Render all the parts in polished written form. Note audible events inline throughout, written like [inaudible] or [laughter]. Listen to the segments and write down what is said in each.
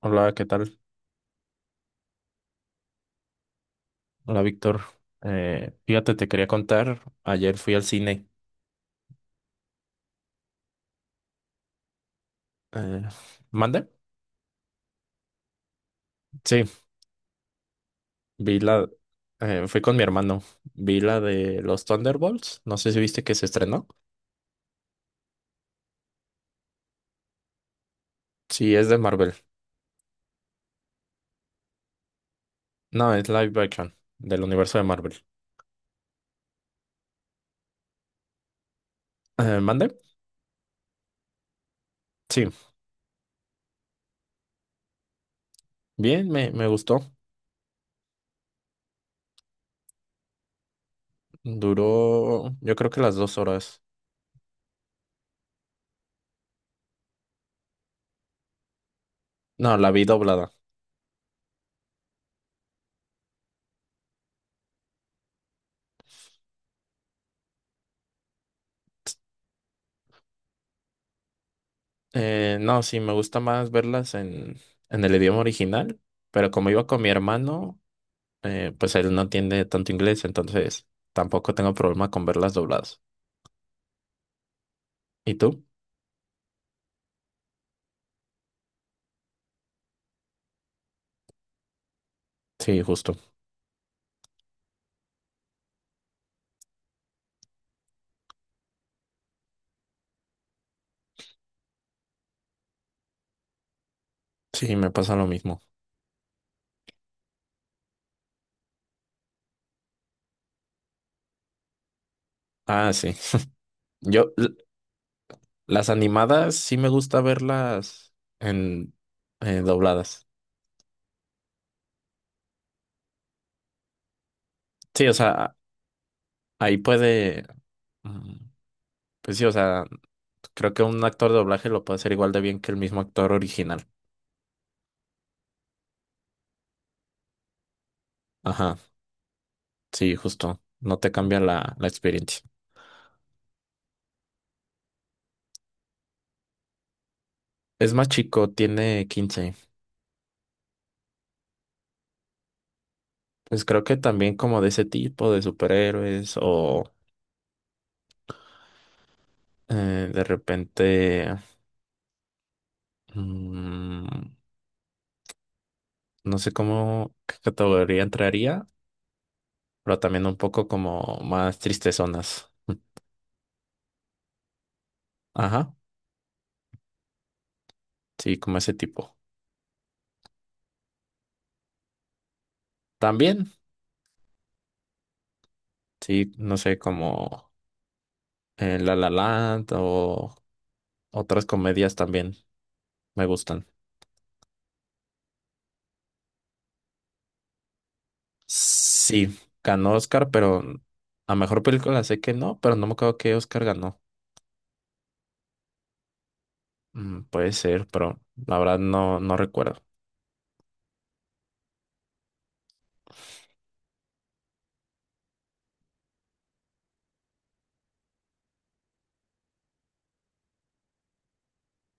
Hola, ¿qué tal? Hola, Víctor. Fíjate, te quería contar, ayer fui al cine. Eh, ¿Mande? Sí, vi la... fui con mi hermano. Vi la de los Thunderbolts. No sé si viste que se estrenó. Sí, es de Marvel. No, es live action, del universo de Marvel. ¿Mande? Sí, bien, me gustó. Duró, yo creo que las 2 horas. No, la vi doblada. No, sí, me gusta más verlas en el idioma original, pero como iba con mi hermano... pues él no entiende tanto inglés, entonces tampoco tengo problema con verlas dobladas. ¿Y tú? Sí, justo. Sí, me pasa lo mismo. Ah, sí. Yo, l- las animadas sí me gusta verlas en dobladas. Sí, o sea, ahí puede, mm, pues sí, o sea, creo que un actor de doblaje lo puede hacer igual de bien que el mismo actor original. Ajá, sí, justo. No te cambia la experiencia. Es más chico, tiene 15. Pues creo que también como de ese tipo de superhéroes o de repente, mm, no sé qué categoría entraría, pero también un poco como más tristezonas. Ajá, sí, como ese tipo. También, sí, no sé, como La La Land o otras comedias también me gustan. Sí, ganó Oscar, pero a mejor película sé que no, pero no me acuerdo qué Oscar ganó. Mm, puede ser, pero la verdad no recuerdo.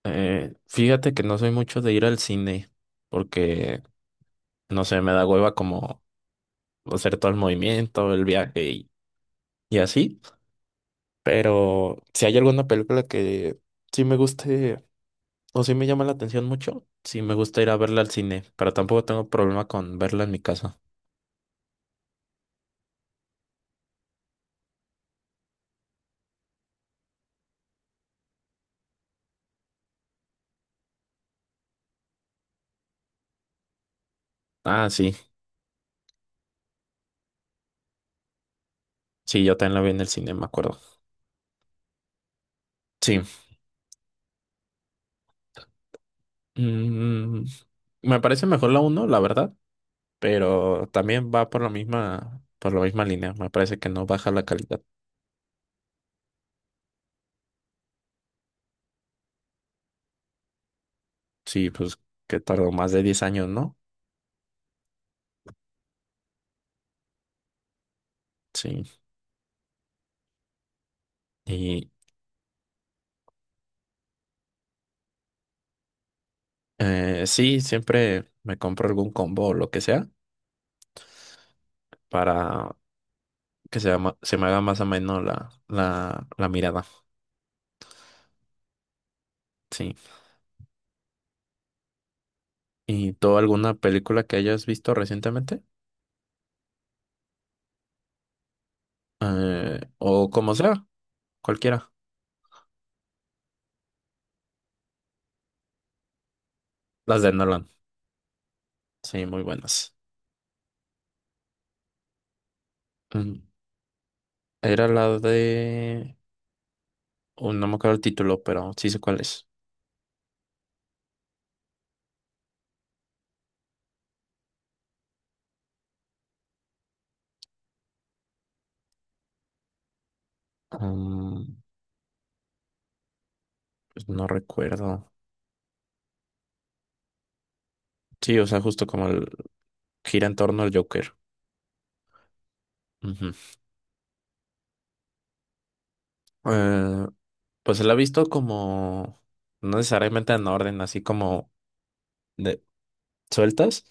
Fíjate que no soy mucho de ir al cine porque, no sé, me da hueva como hacer todo el movimiento, el viaje y así. Pero si hay alguna película que sí me guste o sí me llama la atención mucho, sí me gusta ir a verla al cine, pero tampoco tengo problema con verla en mi casa. Ah, sí, sí, yo también la vi en el cine, me acuerdo. Sí. Mm, me parece mejor la uno, la verdad, pero también va por la misma línea. Me parece que no baja la calidad. Sí, pues que tardó más de 10 años, ¿no? Sí. Y sí, siempre me compro algún combo o lo que sea para que se me haga más o menos la mirada. Sí. ¿Y tú alguna película que hayas visto recientemente? O como sea, cualquiera. Las de Nolan. Sí, muy buenas. Mm, era la de... oh, no me acuerdo el título, pero sí sé cuál es. Um, pues no recuerdo. Sí, o sea, gira en torno al Joker. Ujú. Eh, pues se la ha visto como, no necesariamente en orden, así como de sueltas,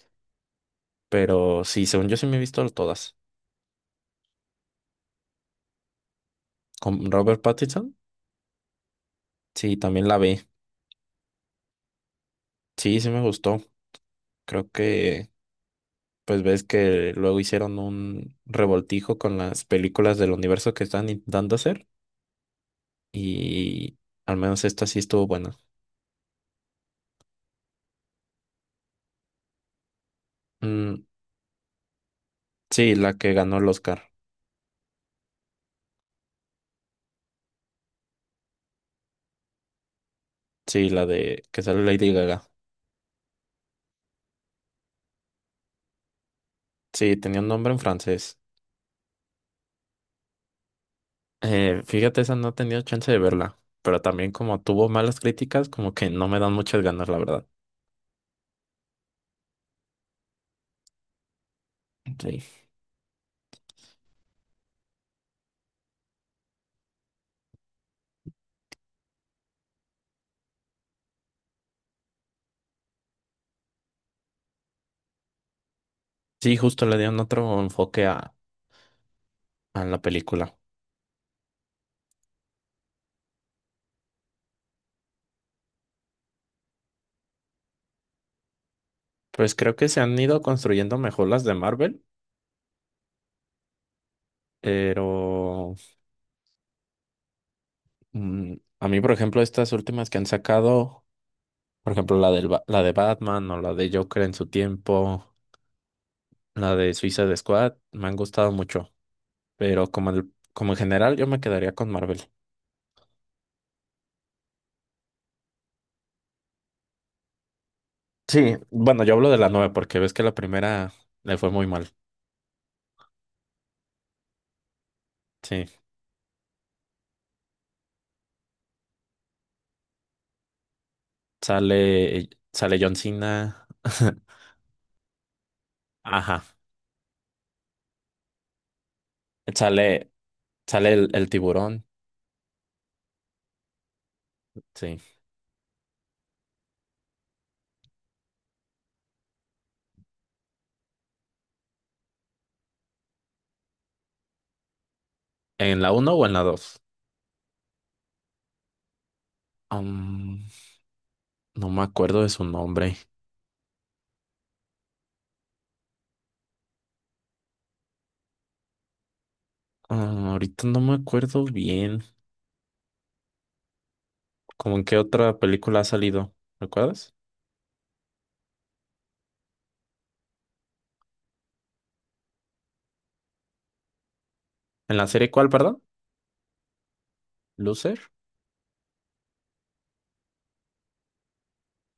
pero sí, según yo sí me he visto todas. Con Robert Pattinson, sí, también la vi. Sí, sí me gustó. Creo que, pues ves que luego hicieron un revoltijo con las películas del universo que están intentando hacer, y al menos esta sí estuvo buena. Mm, sí, la que ganó el Oscar. Sí, la de que sale Lady Gaga. Sí, tenía un nombre en francés. Fíjate, esa no he tenido chance de verla, pero también como tuvo malas críticas, como que no me dan muchas ganas, la verdad. Sí, sí, justo le dieron otro enfoque a la película. Pues creo que se han ido construyendo mejor las de Marvel, pero a mí, por ejemplo, estas últimas que han sacado, por ejemplo, la de Batman o la de Joker en su tiempo, la de Suicide Squad, me han gustado mucho. Pero como, como en general, yo me quedaría con Marvel. Sí, bueno, yo hablo de la nueva porque ves que la primera le fue muy mal. Sí. Sale John Cena. [laughs] Ajá. Sale, Sale el tiburón. Sí. ¿En la uno o en la 2? No me acuerdo de su nombre. Ah, ahorita no me acuerdo bien. ¿Cómo en qué otra película ha salido? ¿Recuerdas? ¿En la serie cuál, perdón? ¿Loser?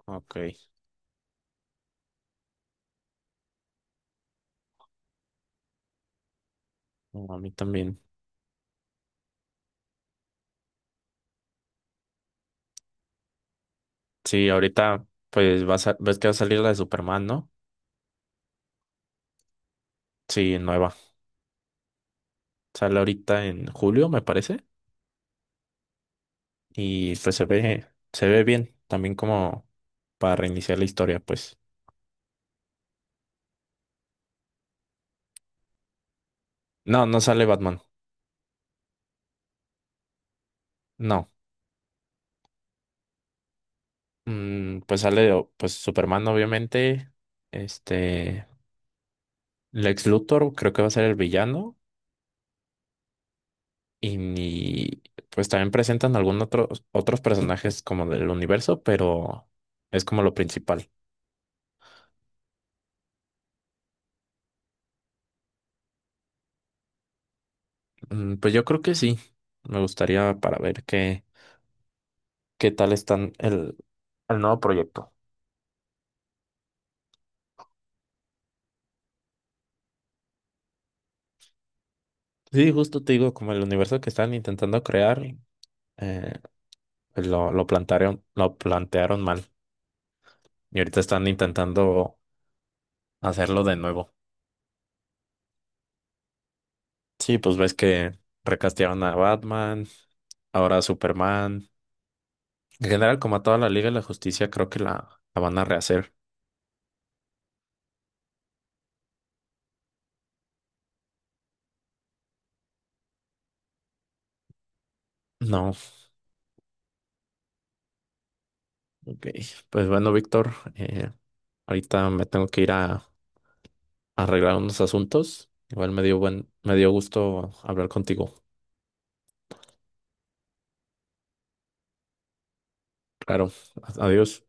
Ok. No, a mí también. Sí, ahorita pues ves que va a salir la de Superman, ¿no? Sí, nueva. Sale ahorita en julio, me parece. Y pues se ve bien. También como para reiniciar la historia, pues. No, no sale Batman. No. Mm, pues Superman, obviamente. Este. Lex Luthor creo que va a ser el villano. Y, ni- pues también presentan algunos otros personajes como del universo, pero es como lo principal. Mm, pues yo creo que sí. Me gustaría para ver qué tal están el nuevo proyecto. Sí, justo te digo, como el universo que están intentando crear, eh, pues lo plantearon mal. Y ahorita están intentando hacerlo de nuevo. Sí, pues ves que recastearon a Batman, ahora a Superman. En general, como a toda la Liga de la Justicia, creo que la van a rehacer. No, ok. Pues bueno, Víctor, ahorita me tengo que ir a arreglar unos asuntos. Igual me dio me dio gusto hablar contigo. Claro, adiós.